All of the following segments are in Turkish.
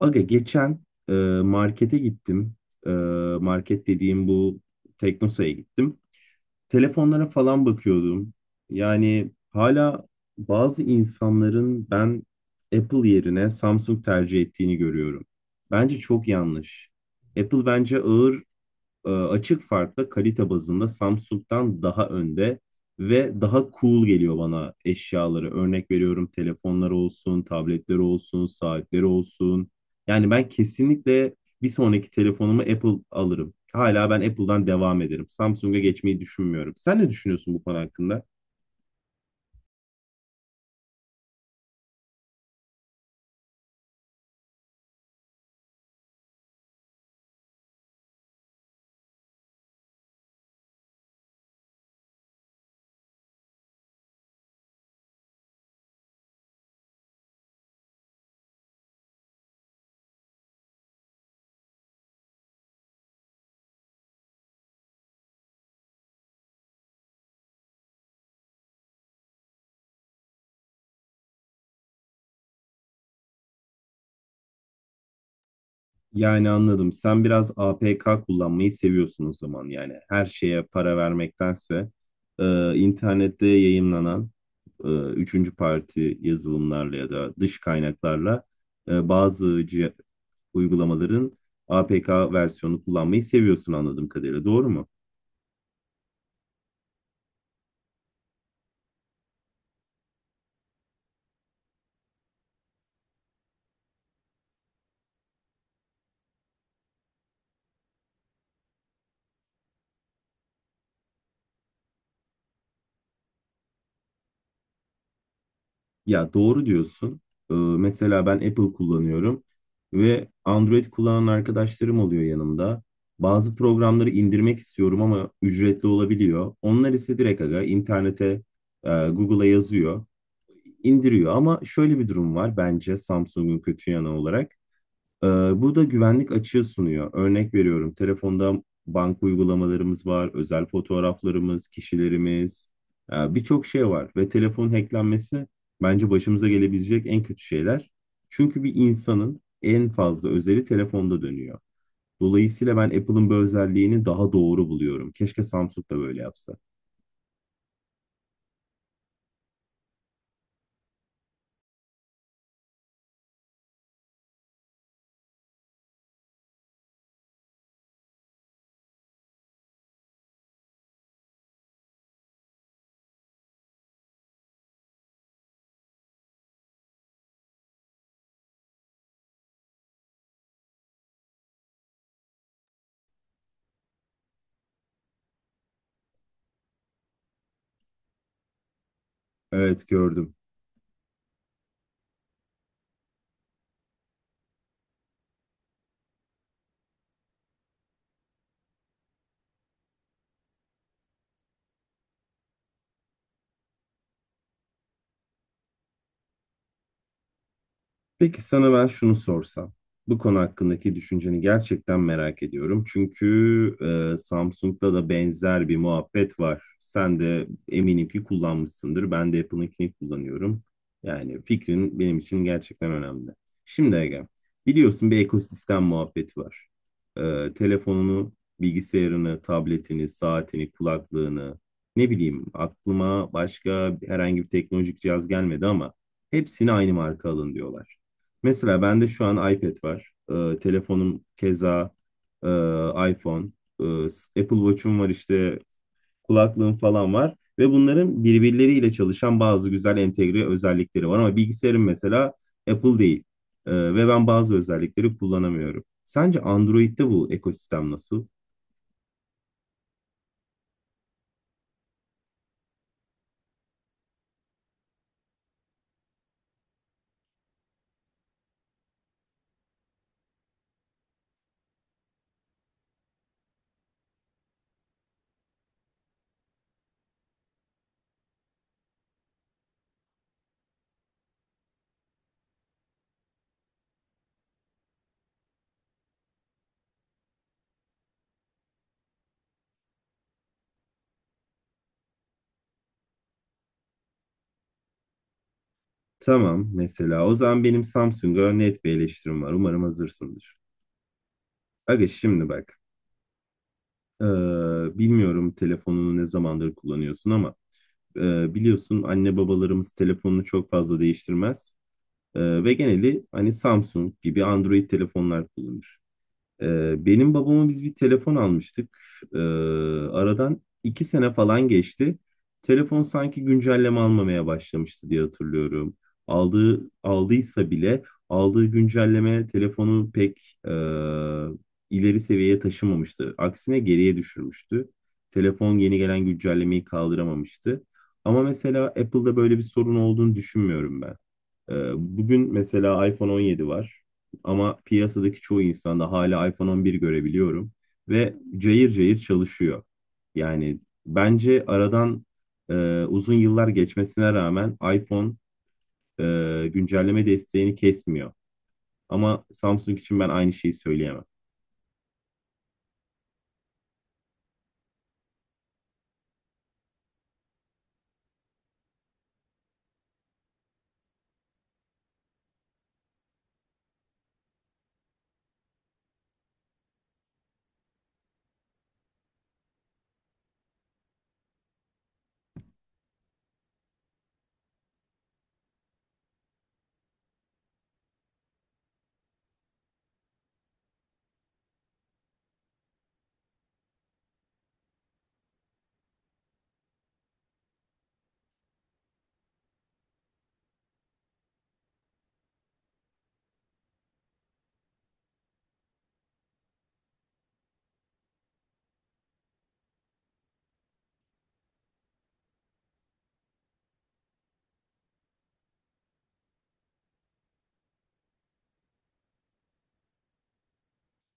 Aga geçen e, markete gittim. E, market dediğim bu Teknosa'ya gittim. Telefonlara falan bakıyordum. Yani hala bazı insanların ben Apple yerine Samsung tercih ettiğini görüyorum. Bence çok yanlış. Apple bence ağır açık farkla kalite bazında Samsung'dan daha önde ve daha cool geliyor bana eşyaları. Örnek veriyorum telefonları olsun, tabletleri olsun, saatleri olsun. Yani ben kesinlikle bir sonraki telefonumu Apple alırım. Hala ben Apple'dan devam ederim. Samsung'a geçmeyi düşünmüyorum. Sen ne düşünüyorsun bu konu hakkında? Yani anladım. Sen biraz APK kullanmayı seviyorsun o zaman yani. Her şeye para vermektense internette yayınlanan üçüncü parti yazılımlarla ya da dış kaynaklarla e, bazı cih- uygulamaların APK versiyonu kullanmayı seviyorsun anladığım kadarıyla. Doğru mu? Ya doğru diyorsun. Mesela ben Apple kullanıyorum ve Android kullanan arkadaşlarım oluyor yanımda. Bazı programları indirmek istiyorum ama ücretli olabiliyor. Onlar ise direkt aga internete, Google'a yazıyor, indiriyor. Ama şöyle bir durum var bence Samsung'un kötü yanı olarak. Ee, Bu da güvenlik açığı sunuyor. Örnek veriyorum, telefonda banka uygulamalarımız var, özel fotoğraflarımız, kişilerimiz, birçok şey var. Ve telefon hacklenmesi bence başımıza gelebilecek en kötü şeyler. Çünkü bir insanın en fazla özeli telefonda dönüyor. Dolayısıyla ben Apple'ın bu özelliğini daha doğru buluyorum. Keşke Samsung da böyle yapsa. Evet gördüm. Peki sana ben şunu sorsam. Bu konu hakkındaki düşünceni gerçekten merak ediyorum. Çünkü Samsung'da da benzer bir muhabbet var. Sen de eminim ki kullanmışsındır. Ben de Apple'ınkini kullanıyorum. Yani fikrin benim için gerçekten önemli. Şimdi Ege, biliyorsun bir ekosistem muhabbeti var. Telefonunu, bilgisayarını, tabletini, saatini, kulaklığını, ne bileyim aklıma başka herhangi bir teknolojik cihaz gelmedi ama hepsini aynı marka alın diyorlar. Mesela bende şu an iPad var. Telefonum keza e, iPhone. Apple Watch'um var işte kulaklığım falan var. Ve bunların birbirleriyle çalışan bazı güzel entegre özellikleri var. Ama bilgisayarım mesela Apple değil. Ve ben bazı özellikleri kullanamıyorum. Sence Android'de bu ekosistem nasıl? Tamam, mesela o zaman benim Samsung'a net bir eleştirim var. Umarım hazırsındır. Aga şimdi bak. Ee, bilmiyorum telefonunu ne zamandır kullanıyorsun ama biliyorsun anne babalarımız telefonunu çok fazla değiştirmez. Ve geneli hani Samsung gibi Android telefonlar kullanır. Benim babama biz bir telefon almıştık. Ee, aradan 2 sene falan geçti. Telefon sanki güncelleme almamaya başlamıştı diye hatırlıyorum. Aldığı aldıysa bile aldığı güncelleme telefonu pek ileri seviyeye taşımamıştı. Aksine geriye düşürmüştü. Telefon yeni gelen güncellemeyi kaldıramamıştı. Ama mesela Apple'da böyle bir sorun olduğunu düşünmüyorum ben. Bugün mesela iPhone 17 var ama piyasadaki çoğu insanda hala iPhone 11 görebiliyorum ve cayır cayır çalışıyor. Yani bence aradan e, uzun yıllar geçmesine rağmen iPhone e, güncelleme desteğini kesmiyor. Ama Samsung için ben aynı şeyi söyleyemem.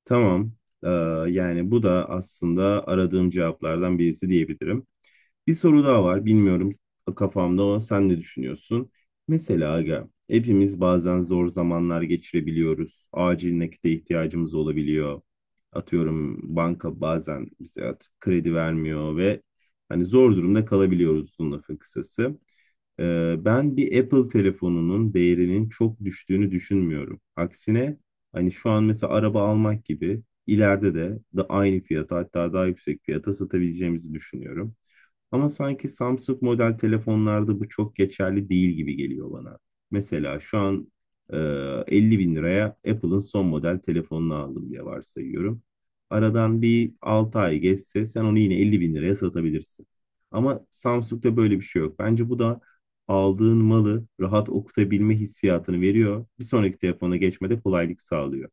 Tamam, e, yani bu da aslında aradığım cevaplardan birisi diyebilirim. Bir soru daha var. Bilmiyorum kafamda o. Sen ne düşünüyorsun? Mesela aga, hepimiz bazen zor zamanlar geçirebiliyoruz. Acil nakite ihtiyacımız olabiliyor. Atıyorum banka bazen bize kredi vermiyor ve hani zor durumda kalabiliyoruz uzun lafın kısası. Ben bir Apple telefonunun değerinin çok düştüğünü düşünmüyorum. Aksine hani şu an mesela araba almak gibi ileride de aynı fiyata hatta daha yüksek fiyata satabileceğimizi düşünüyorum. Ama sanki Samsung model telefonlarda bu çok geçerli değil gibi geliyor bana. Mesela şu an e, 50 bin liraya Apple'ın son model telefonunu aldım diye varsayıyorum. Aradan bir 6 ay geçse sen onu yine 50 bin liraya satabilirsin. Ama Samsung'da böyle bir şey yok. Bence bu da aldığın malı rahat okutabilme hissiyatını veriyor. Bir sonraki telefona geçmede kolaylık sağlıyor.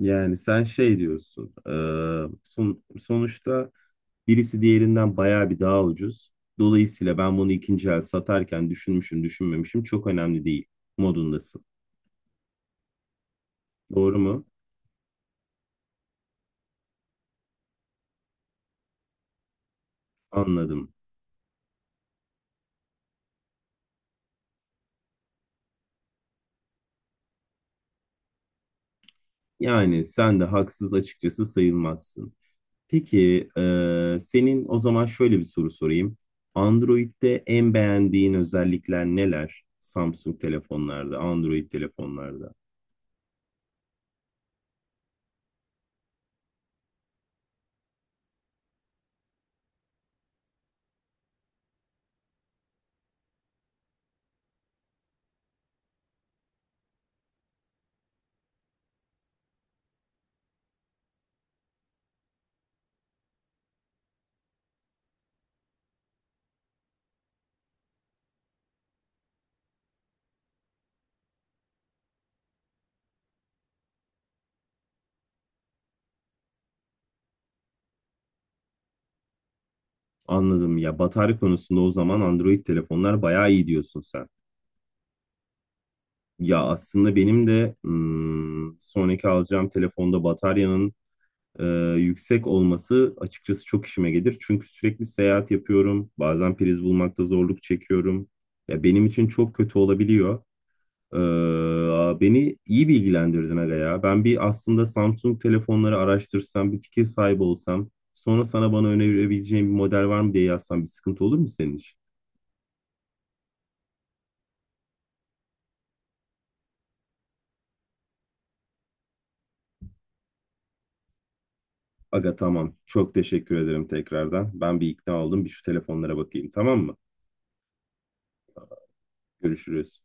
Yani sen şey diyorsun, sonuçta birisi diğerinden bayağı bir daha ucuz. Dolayısıyla ben bunu ikinci el satarken düşünmüşüm, düşünmemişim çok önemli değil modundasın. Doğru mu? Anladım. Yani sen de haksız açıkçası sayılmazsın. Peki, senin o zaman şöyle bir soru sorayım. Android'de en beğendiğin özellikler neler? Samsung telefonlarda, Android telefonlarda. Anladım ya, batarya konusunda o zaman Android telefonlar bayağı iyi diyorsun sen. Ya aslında benim de sonraki alacağım telefonda bataryanın e, yüksek olması açıkçası çok işime gelir. Çünkü sürekli seyahat yapıyorum. Bazen priz bulmakta zorluk çekiyorum. Ya benim için çok kötü olabiliyor. Beni iyi bilgilendirdin aga ya. Ben bir aslında Samsung telefonları araştırsam, bir fikir sahibi olsam, sonra sana bana önerebileceğin bir model var mı diye yazsam bir sıkıntı olur mu senin için? Aga tamam. Çok teşekkür ederim tekrardan. Ben bir ikna oldum. Bir şu telefonlara bakayım, tamam mı? Görüşürüz.